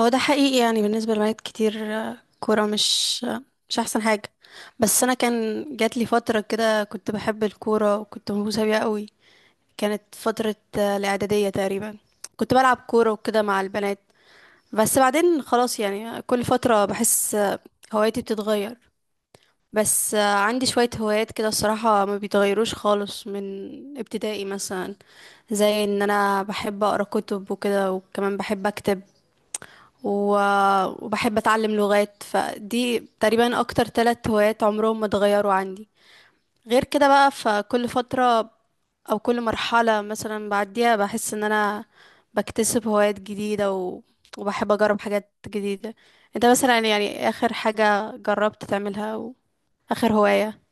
هو ده حقيقي يعني بالنسبة لبنات كتير، كورة مش أحسن حاجة. بس أنا كان جات لي فترة كده كنت بحب الكورة وكنت مهووسة بيها قوي. كانت فترة الإعدادية تقريبا، كنت بلعب كورة وكده مع البنات. بس بعدين خلاص، يعني كل فترة بحس هوايتي بتتغير. بس عندي شوية هوايات كده الصراحة ما بيتغيروش خالص من ابتدائي مثلا، زي ان انا بحب اقرا كتب وكده، وكمان بحب اكتب وبحب اتعلم لغات. فدي تقريبا اكتر ثلاث هوايات عمرهم ما اتغيروا عندي. غير كده بقى، فكل فترة او كل مرحلة مثلا بعديها بحس ان انا بكتسب هوايات جديدة وبحب اجرب حاجات جديدة. انت مثلا يعني اخر حاجة جربت تعملها او اخر هواية؟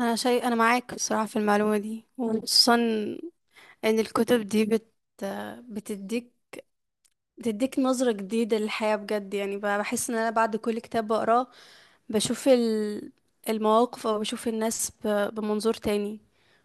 انا معاك بصراحة في المعلومة دي، وخصوصا ان الكتب دي بتديك بتديك نظرة جديدة للحياة. بجد يعني بقى بحس ان انا بعد كل كتاب بقراه بشوف المواقف، او بشوف الناس بمنظور تاني.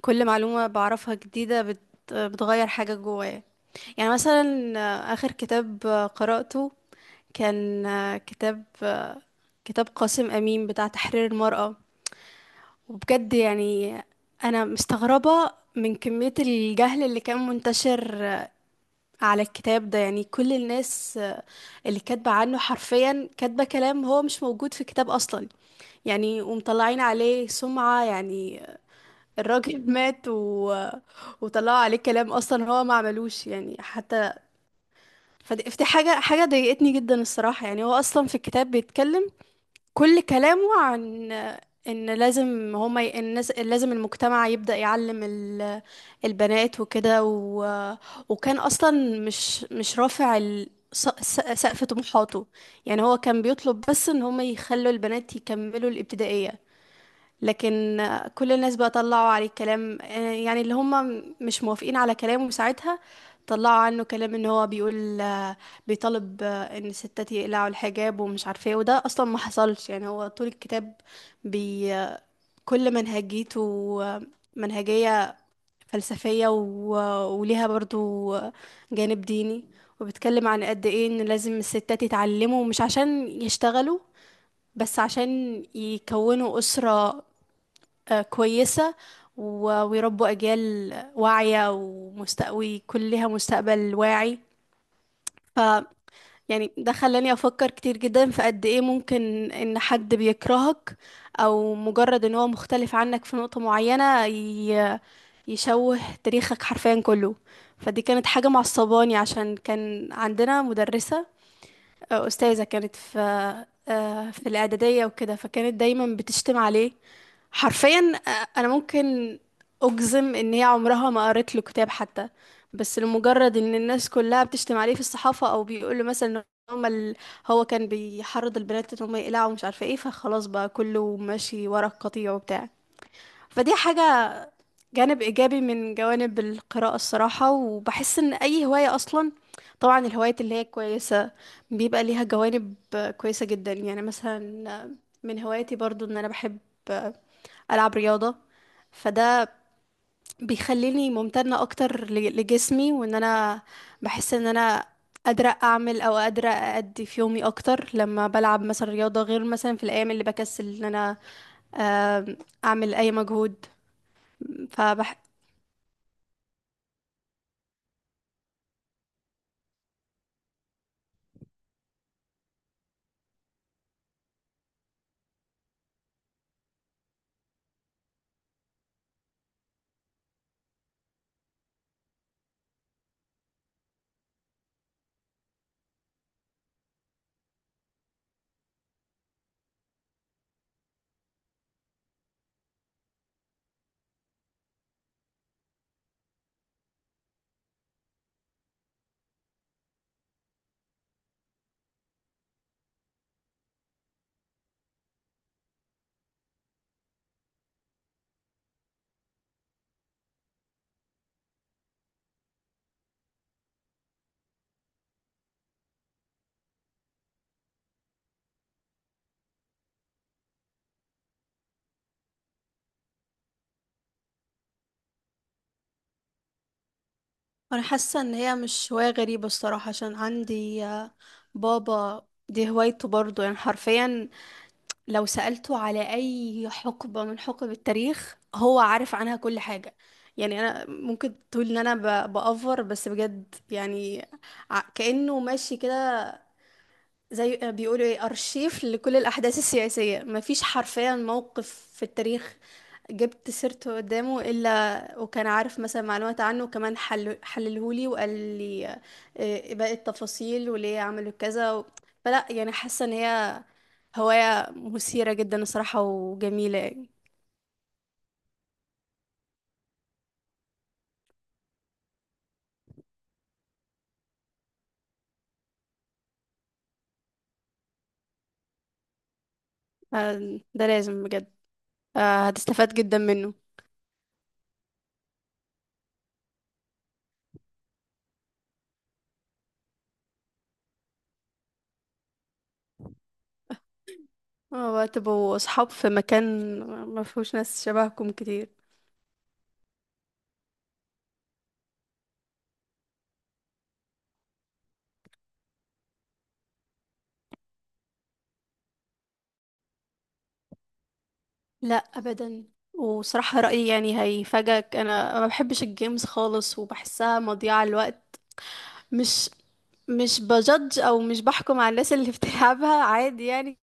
كل معلومة بعرفها جديدة بتغير حاجة جوايا. يعني مثلا، آخر كتاب قرأته كان كتاب قاسم أمين بتاع تحرير المرأة. وبجد يعني أنا مستغربة من كمية الجهل اللي كان منتشر على الكتاب ده. يعني كل الناس اللي كاتبة عنه حرفيا كاتبة كلام هو مش موجود في كتاب أصلا، يعني ومطلعين عليه سمعة يعني. الراجل مات وطلعوا عليه كلام أصلا هو ما عملوش يعني حتى. فدي حاجة ضايقتني جدا الصراحة. يعني هو أصلا في الكتاب بيتكلم، كل كلامه عن ان لازم الناس، لازم المجتمع يبدأ يعلم البنات وكده، وكان اصلا مش رافع سقف طموحاته. يعني هو كان بيطلب بس ان هما يخلوا البنات يكملوا الابتدائية. لكن كل الناس بقى طلعوا عليه كلام، يعني اللي هم مش موافقين على كلامه ساعتها طلعوا عنه كلام ان هو بيقول بيطالب ان الستات يقلعوا الحجاب ومش عارفه ايه، وده اصلا ما حصلش. يعني هو طول الكتاب بي آه، كل منهجيته آه، منهجيه فلسفيه وليها برضو جانب ديني، وبيتكلم عن قد ايه ان لازم الستات يتعلموا مش عشان يشتغلوا، بس عشان يكونوا أسرة كويسة ويربوا أجيال واعية وكلها مستقبل واعي. ف يعني ده خلاني أفكر كتير جدا في قد إيه ممكن إن حد بيكرهك، أو مجرد إن هو مختلف عنك في نقطة معينة يشوه تاريخك حرفيا كله. فدي كانت حاجة معصباني، عشان كان عندنا مدرسة، أستاذة كانت في في الإعدادية وكده، فكانت دايما بتشتم عليه حرفيا. أنا ممكن أجزم إن هي عمرها ما قرت له كتاب حتى، بس لمجرد إن الناس كلها بتشتم عليه في الصحافة، أو بيقول له مثلا إن هما ال... هو كان بيحرض البنات إن هما يقلعوا ومش عارفة إيه، فخلاص بقى كله ماشي ورا القطيع وبتاع. فدي حاجة، جانب إيجابي من جوانب القراءة الصراحة. وبحس إن أي هواية أصلا، طبعا الهوايات اللي هي كويسة، بيبقى ليها جوانب كويسة جدا. يعني مثلا من هواياتي برضو إن أنا بحب ألعب رياضة، فده بيخليني ممتنة أكتر لجسمي، وإن أنا بحس إن أنا قادرة أعمل، أو قادرة أأدي في يومي أكتر لما بلعب مثلا رياضة، غير مثلا في الأيام اللي بكسل إن أنا آم، أعمل أي مجهود. فبح انا حاسه ان هي مش هوايه غريبه الصراحه، عشان عندي بابا دي هوايته برضه، يعني حرفيا لو سألته على اي حقبه من حقب التاريخ هو عارف عنها كل حاجه. يعني انا ممكن تقول ان انا بأفور، بس بجد يعني كأنه ماشي كده زي بيقولوا ايه، ارشيف لكل الاحداث السياسيه. مفيش حرفيا موقف في التاريخ جبت سيرته قدامه الا وكان عارف مثلا معلومات عنه، وكمان حللهولي وقال لي إيه باقي التفاصيل وليه عملوا كذا فلا، يعني حاسه ان هي هوايه مثيره جدا الصراحه وجميله يعني. آه، ده لازم بجد. آه، هتستفاد جدا منه. آه، وهتبقوا اصحاب في مكان ما فيهوش ناس شبهكم كتير. لا ابدا، وصراحة رأيي يعني هيفاجئك، انا ما بحبش الجيمز خالص وبحسها مضيعة للوقت. مش مش بجدج، او مش بحكم على الناس اللي بتلعبها عادي يعني،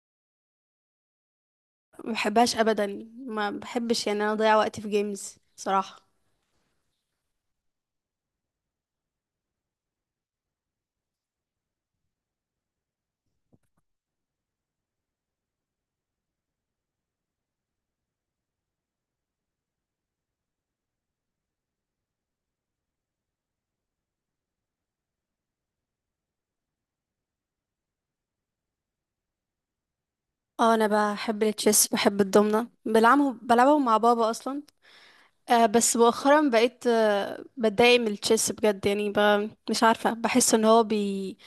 ما بحبهاش ابدا، ما بحبش يعني انا اضيع وقتي في جيمز صراحة. اه، انا بحب التشيس، بحب الضمنة، بلعبهم مع بابا اصلا. بس مؤخرا بقيت بتضايق من التشيس بجد يعني، مش عارفة، بحس ان هو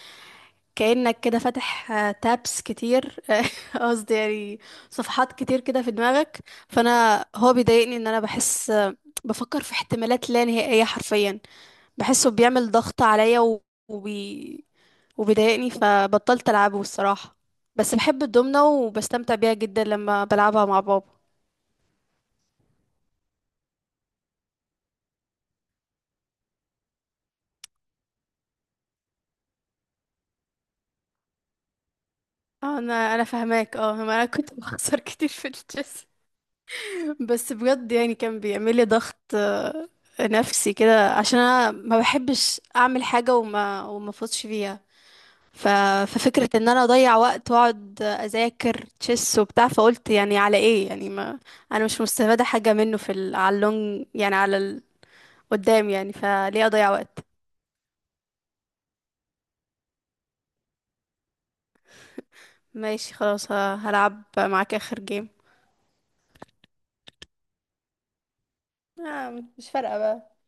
كأنك كده فاتح تابس كتير، قصدي يعني صفحات كتير كده في دماغك. فانا هو بيضايقني ان انا بحس بفكر في احتمالات لا نهائية حرفيا، بحسه بيعمل ضغط عليا وبي... وبيضايقني، فبطلت العبه الصراحة. بس بحب الدومنة وبستمتع بيها جدا لما بلعبها مع بابا. انا فاهماك، اه، ما انا كنت بخسر كتير في التشيس، بس بجد يعني كان بيعمل لي ضغط نفسي كده، عشان انا ما بحبش اعمل حاجه وما افوتش فيها. ف... ففكره ان انا اضيع وقت واقعد اذاكر تشيس وبتاع، فقلت يعني على ايه يعني، ما انا مش مستفاده حاجه منه في على اللونج، يعني على قدام يعني، فليه اضيع وقت. ماشي، خلاص، هلعب معاك اخر جيم. آه، مش فارقه بقى.